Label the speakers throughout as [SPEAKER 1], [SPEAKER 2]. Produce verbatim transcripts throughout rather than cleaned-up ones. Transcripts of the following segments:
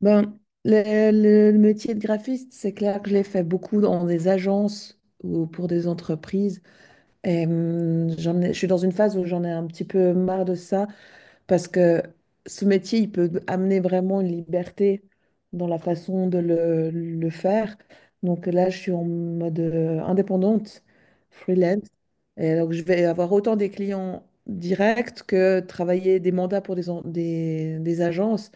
[SPEAKER 1] Ben, le, le- le métier de graphiste, c'est clair que je l'ai fait beaucoup dans des agences ou pour des entreprises. Et, hum, j'en ai- je suis dans une phase où j'en ai un petit peu marre de ça parce que ce métier, il peut amener vraiment une liberté dans la façon de le, le faire. Donc là, je suis en mode euh, indépendante, freelance. Et donc, je vais avoir autant des clients directs que travailler des mandats pour des en- des- des agences.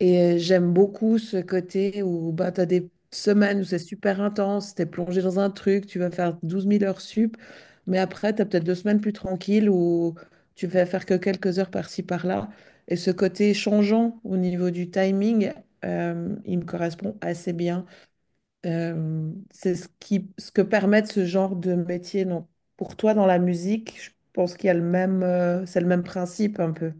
[SPEAKER 1] Et euh, j'aime beaucoup ce côté où bah, tu as des semaines où c'est super intense, tu es plongé dans un truc, tu vas faire douze mille heures sup, mais après, tu as peut-être deux semaines plus tranquilles où tu vas faire que quelques heures par-ci, par-là. Et ce côté changeant au niveau du timing, euh, il me correspond assez bien. Euh, c'est ce qui, ce que permet ce genre de métier. Donc, pour toi, dans la musique, je pense qu'il y a le même, euh, c'est le même principe un peu.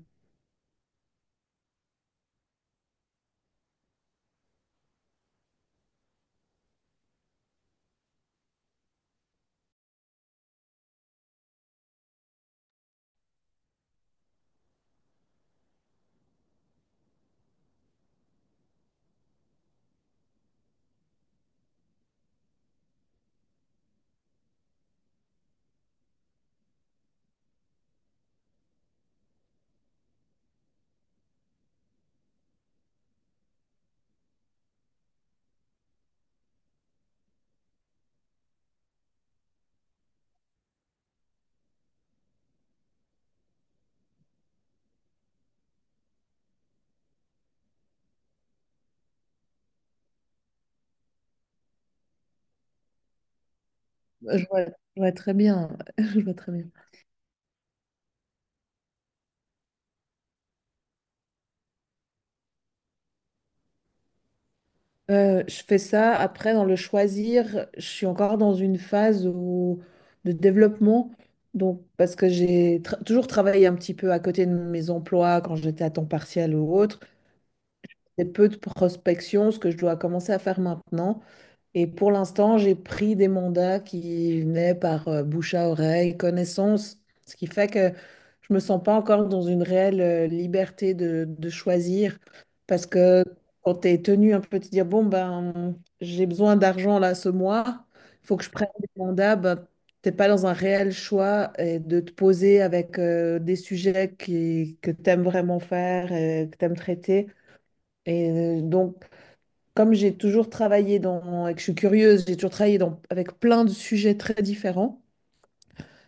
[SPEAKER 1] Je vois, je vois très bien. Je vois très bien. Euh, je fais ça. Après, dans le choisir, je suis encore dans une phase où- de développement. Donc, parce que j'ai tra- toujours travaillé un petit peu à côté de mes emplois quand j'étais à temps partiel ou autre. C'est peu de prospection, ce que je dois commencer à faire maintenant. Et pour l'instant, j'ai pris des mandats qui venaient par euh, bouche à oreille, connaissance, ce qui fait que je me sens pas encore dans une réelle euh, liberté de, de choisir parce que quand tu es tenu un peu de te dire, bon, ben, j'ai besoin d'argent là ce mois, il faut que je prenne des mandats, ben, t'es pas dans un réel choix et de te poser avec euh, des sujets qui, que tu aimes vraiment faire, et que tu aimes traiter. Et euh, donc, comme j'ai toujours travaillé dans, et que je suis curieuse, j'ai toujours travaillé dans, avec plein de sujets très différents.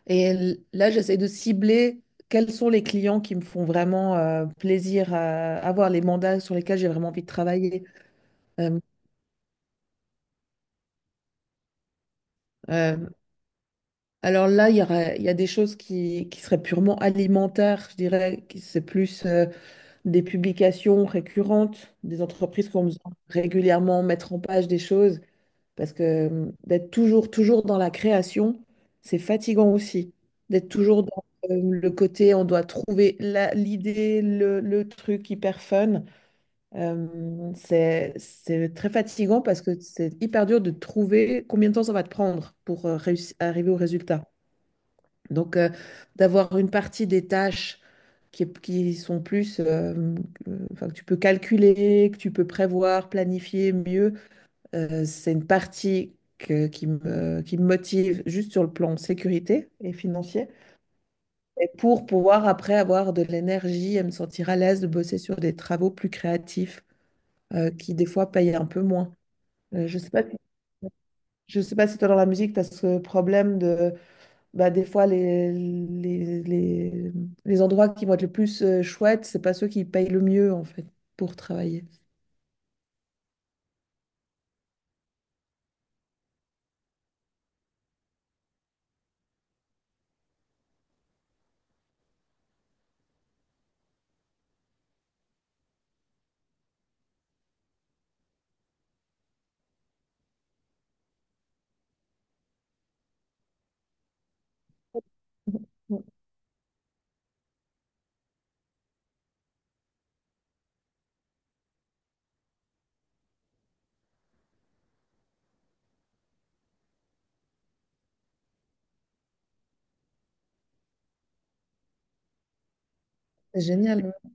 [SPEAKER 1] Et l- là, j'essaie de cibler quels sont les clients qui me font vraiment euh, plaisir à avoir, les mandats sur lesquels j'ai vraiment envie de travailler. Euh, euh, alors là, il y aura- il y a des choses qui, qui seraient purement alimentaires, je dirais, qui c'est plus euh, des publications récurrentes, des entreprises qui vont régulièrement mettre en page des choses. Parce que hum, d'être toujours, toujours dans la création, c'est fatigant aussi. D'être toujours dans euh, le côté, on doit trouver la- l'idée, le, le truc hyper fun. Euh, c'est, c'est très fatigant parce que c'est hyper dur de trouver combien de temps ça va te prendre pour euh, réussi- arriver au résultat. Donc, euh, d'avoir une partie des tâches qui, qui sont plus, euh, euh, enfin, que tu peux calculer, que tu peux prévoir, planifier mieux euh, c'est une partie que- qui me, qui me motive juste sur le plan sécurité et financier, et pour pouvoir après avoir de l'énergie et me sentir à l'aise de bosser sur des travaux plus créatifs euh, qui des fois payent un peu moins. Euh, je sais pas si, je sais pas si toi dans la musique, tu as ce problème de bah, des fois les, les, les, les endroits qui vont être le plus euh, chouettes, c'est pas ceux qui payent le mieux en fait pour travailler. Ouais, c'est génial, ouais.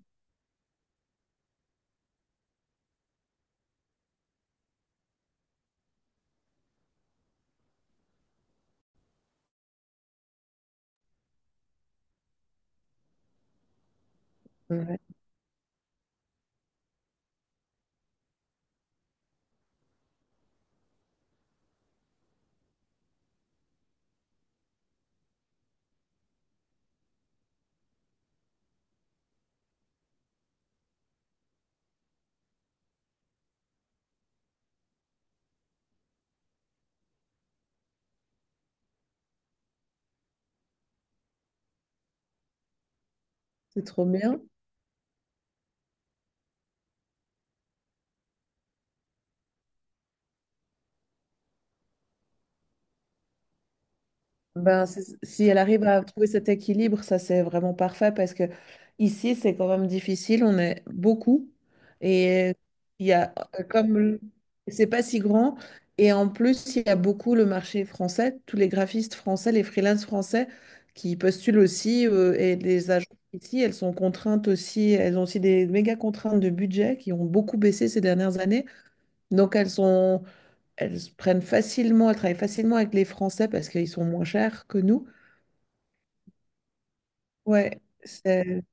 [SPEAKER 1] Ouais, c'est trop bien. Ben, c'est- si elle arrive à trouver cet équilibre, ça c'est vraiment parfait parce que ici c'est quand même difficile, on est beaucoup et il y a euh, comme le- c'est pas si grand et en plus il y a beaucoup le marché français, tous les graphistes français, les freelances français qui postulent aussi euh, et les agences ici elles sont contraintes aussi, elles ont aussi des méga contraintes de budget qui ont beaucoup baissé ces dernières années donc elles sont elles prennent facilement, elles travaillent facilement avec les Français parce qu'ils sont moins chers que nous. Ouais, c'est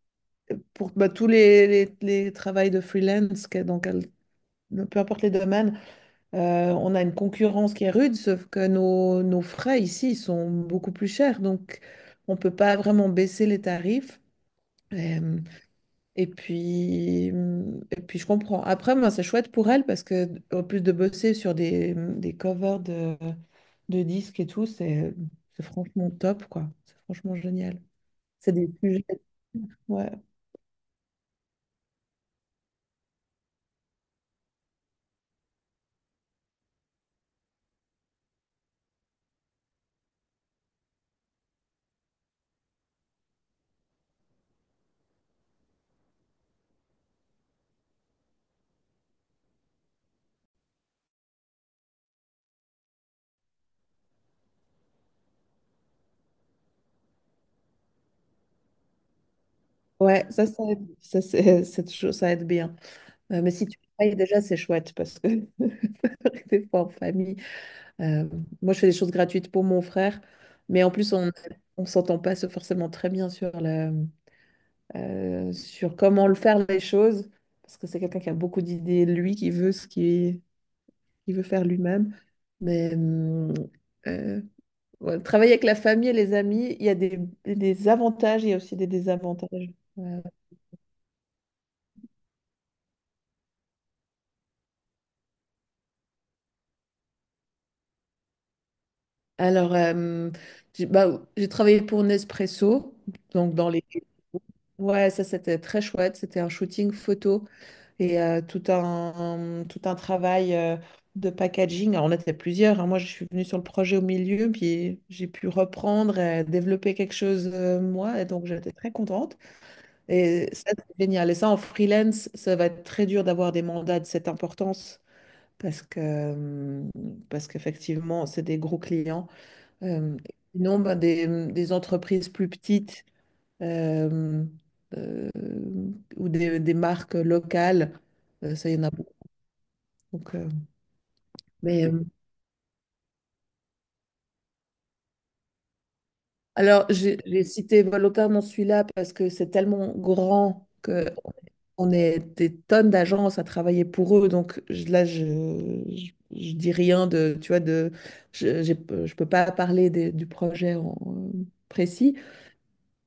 [SPEAKER 1] pour bah, tous les, les, les travails de freelance, que- donc elle- peu importe les domaines, euh, on a une concurrence qui est rude, sauf que nos, nos frais ici sont beaucoup plus chers, donc on peut pas vraiment baisser les tarifs. Et, et puis, mmh, et puis je comprends. Après, moi, c'est chouette pour elle parce que en plus de bosser sur des, mmh, des covers de, de disques et tout, c'est c'est franchement top, quoi. C'est franchement génial. C'est des sujets. Ouais. Ouais, ça, ça aide, ça, c'est, c'est toujours- ça aide bien. Euh, mais si tu travailles déjà, c'est chouette parce que des fois en famille, euh, moi je fais des choses gratuites pour mon frère, mais en plus on on s'entend pas se- forcément très bien sur la, euh, sur comment le faire les choses parce que c'est quelqu'un qui a beaucoup d'idées, lui qui veut ce qu'il qu'il veut faire lui-même. Mais hum, euh, ouais, travailler avec la famille et les amis, il y a des, des avantages, il y a aussi des désavantages. Euh, Alors, euh, j'ai bah, j'ai travaillé pour Nespresso, donc dans les... Ouais, ça c'était très chouette, c'était un shooting photo et euh, tout un, tout un travail euh, de packaging. Alors, on était plusieurs, hein. Moi je suis venue sur le projet au milieu, puis j'ai pu reprendre et développer quelque chose euh, moi, et donc j'étais très contente. Et ça c'est génial. Et ça en freelance, ça va être très dur d'avoir des mandats de cette importance parce que, parce qu'effectivement c'est des gros clients. Euh, sinon, ben, des, mm, des entreprises plus petites euh, euh, ou des, des marques locales, euh, ça, il y en a beaucoup. Donc, euh, mais, euh, alors, j'ai j'ai cité volontairement celui-là parce que c'est tellement grand que on est des tonnes d'agences à travailler pour eux. Donc, je- là, je, je, je dis rien de, tu vois, de, je j'ai- je peux pas parler des- du projet en, euh, précis.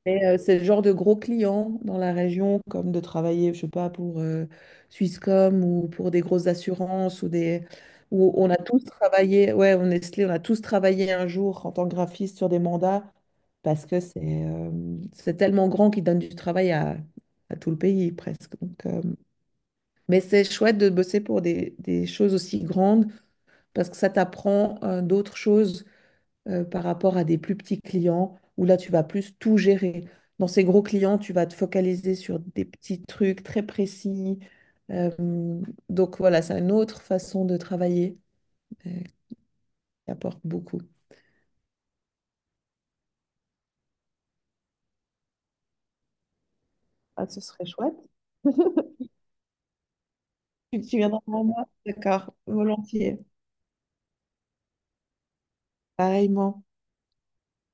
[SPEAKER 1] Mais euh, c'est le genre de gros clients dans la région, comme de travailler, je sais pas, pour euh, Swisscom ou pour des grosses assurances ou des... où on a tous travaillé, ouais, on Nestlé, on a tous travaillé un jour en tant que graphiste sur des mandats parce que c'est euh, c'est tellement grand qu'ils donnent du travail à, à tout le pays presque. Donc, euh, Mais c'est chouette de bosser pour des, des choses aussi grandes parce que ça t'apprend euh, d'autres choses euh, par rapport à des plus petits clients où là, tu vas plus tout gérer. Dans ces gros clients, tu vas te focaliser sur des petits trucs très précis. Euh, donc voilà, c'est une autre façon de travailler euh, qui apporte beaucoup. Ah, ce serait chouette. Tu tu viendras voir moi? D'accord, volontiers. Pareillement.